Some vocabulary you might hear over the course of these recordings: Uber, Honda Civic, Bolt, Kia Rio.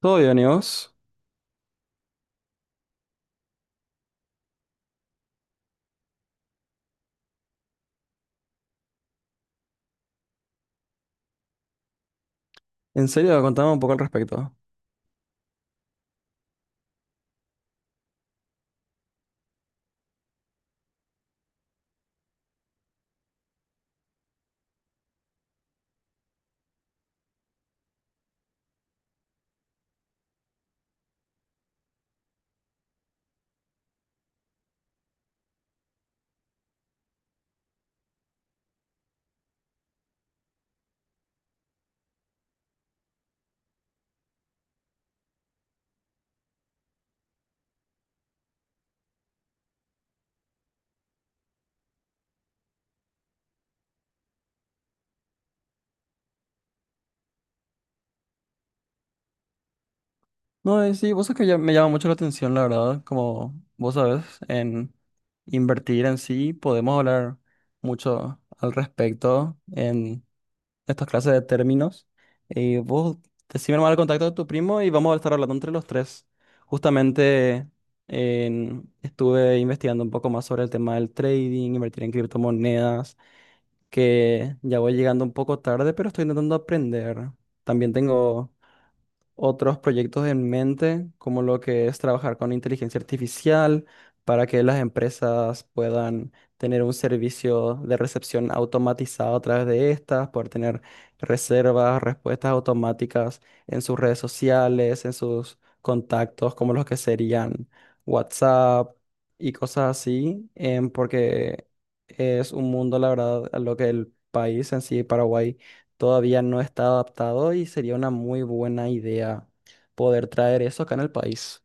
Todo bien, ¿y vos? En serio, contame un poco al respecto. No, sí, vos sabés que me llama mucho la atención, la verdad, como vos sabés, en invertir en sí, podemos hablar mucho al respecto en estas clases de términos. Y vos decime nomás el contacto de tu primo y vamos a estar hablando entre los tres. Justamente estuve investigando un poco más sobre el tema del trading, invertir en criptomonedas que ya voy llegando un poco tarde, pero estoy intentando aprender. También tengo otros proyectos en mente, como lo que es trabajar con inteligencia artificial para que las empresas puedan tener un servicio de recepción automatizado a través de estas, poder tener reservas, respuestas automáticas en sus redes sociales, en sus contactos, como los que serían WhatsApp y cosas así, porque es un mundo, la verdad, a lo que el país en sí, Paraguay, todavía no está adaptado y sería una muy buena idea poder traer eso acá en el país.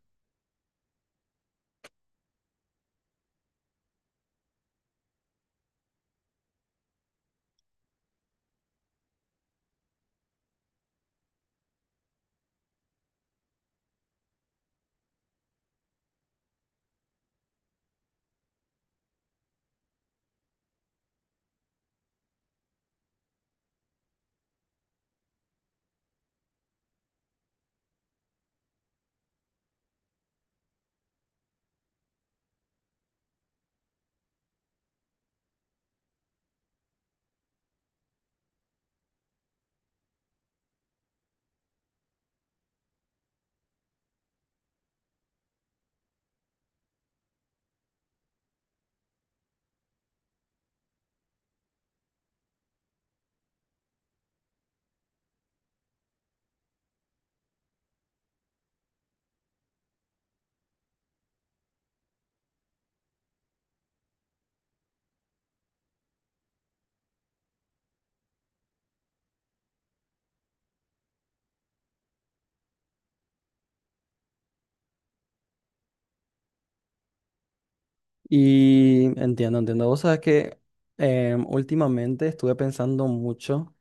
Y entiendo, entiendo. Vos sabés que últimamente estuve pensando mucho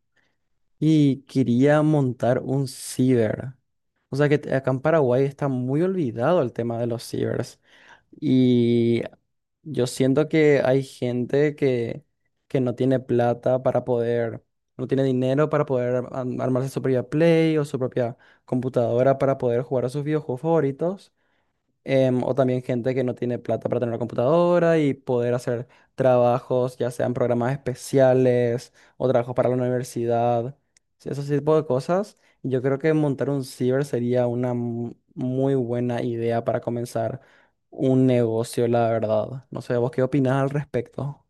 y quería montar un ciber. O sea que acá en Paraguay está muy olvidado el tema de los cibers. Y yo siento que hay gente que no tiene plata para poder, no tiene dinero para poder armarse su propia Play o su propia computadora para poder jugar a sus videojuegos favoritos o también gente que no tiene plata para tener una computadora y poder hacer trabajos, ya sean programas especiales o trabajos para la universidad, sí, esos tipos de cosas. Yo creo que montar un ciber sería una muy buena idea para comenzar un negocio, la verdad. No sé, ¿vos qué opinás al respecto?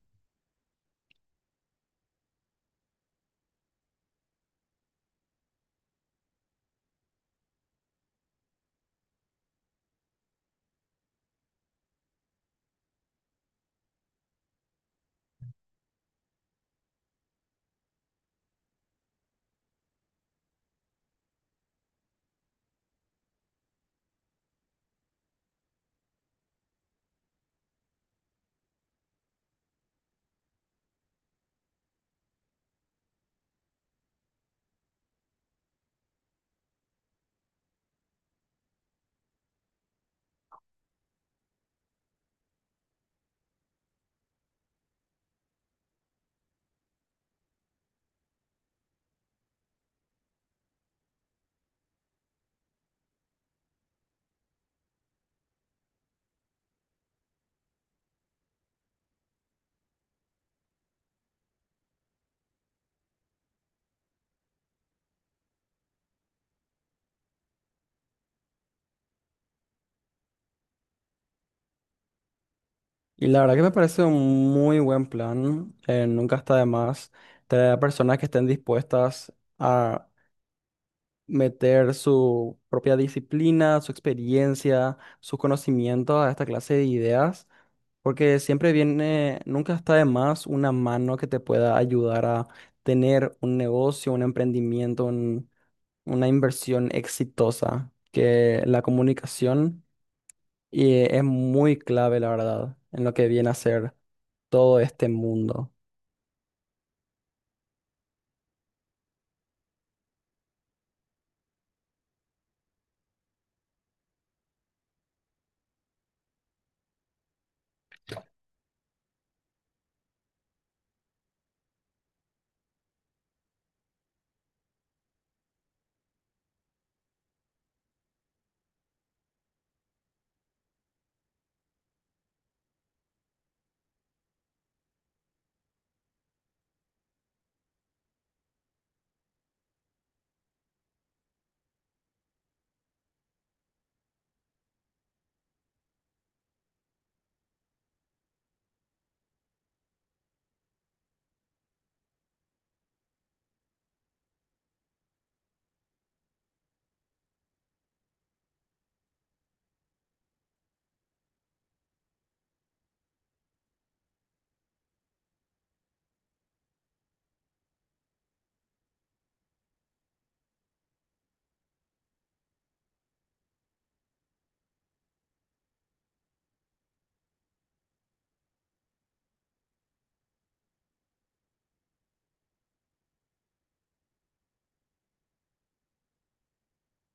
Y la verdad que me parece un muy buen plan. Nunca está de más tener a personas que estén dispuestas a meter su propia disciplina, su experiencia, sus conocimientos a esta clase de ideas, porque siempre viene, nunca está de más una mano que te pueda ayudar a tener un negocio, un emprendimiento, una inversión exitosa, que la comunicación es muy clave, la verdad, en lo que viene a ser todo este mundo.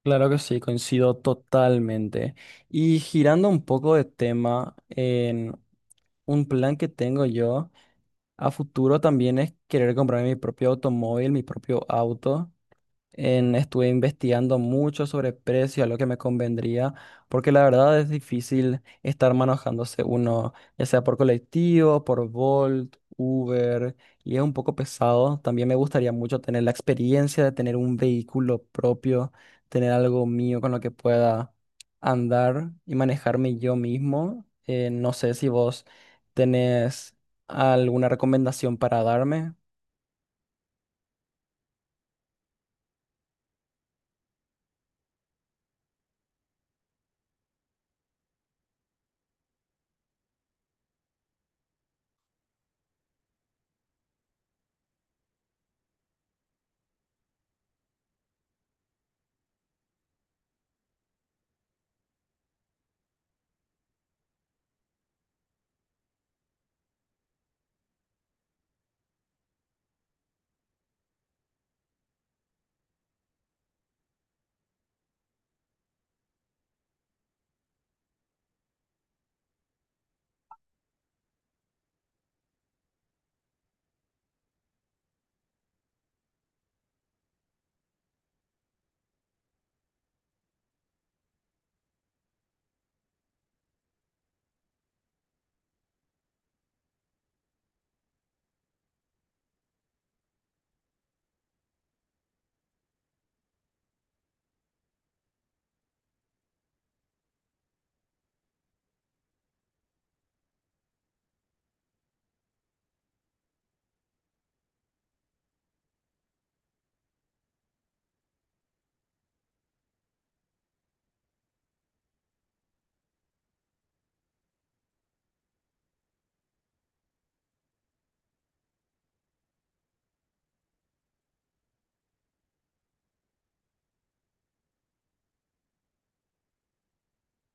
Claro que sí, coincido totalmente. Y girando un poco de tema, un plan que tengo yo a futuro también es querer comprarme mi propio automóvil, mi propio auto. Estuve investigando mucho sobre precio, a lo que me convendría, porque la verdad es difícil estar manejándose uno, ya sea por colectivo, por Bolt, Uber, y es un poco pesado. También me gustaría mucho tener la experiencia de tener un vehículo propio, tener algo mío con lo que pueda andar y manejarme yo mismo. No sé si vos tenés alguna recomendación para darme.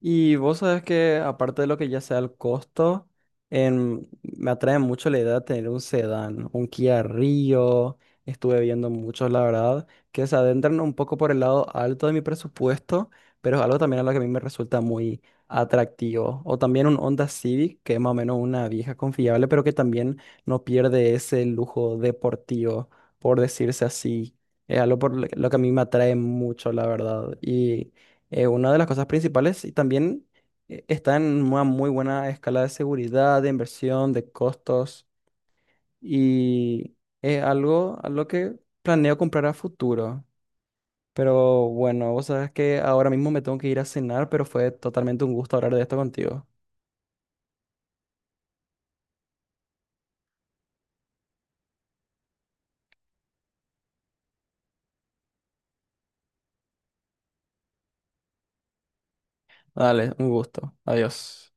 Y vos sabés que aparte de lo que ya sea el costo, me atrae mucho la idea de tener un sedán, un Kia Rio. Estuve viendo muchos, la verdad, que se adentran un poco por el lado alto de mi presupuesto, pero es algo también a lo que a mí me resulta muy atractivo. O también un Honda Civic, que es más o menos una vieja confiable, pero que también no pierde ese lujo deportivo, por decirse así. Es algo por lo que a mí me atrae mucho, la verdad. Y una de las cosas principales y también está en una muy buena escala de seguridad, de inversión, de costos y es algo a lo que planeo comprar a futuro. Pero bueno, vos sabes que ahora mismo me tengo que ir a cenar, pero fue totalmente un gusto hablar de esto contigo. Dale, un gusto. Adiós.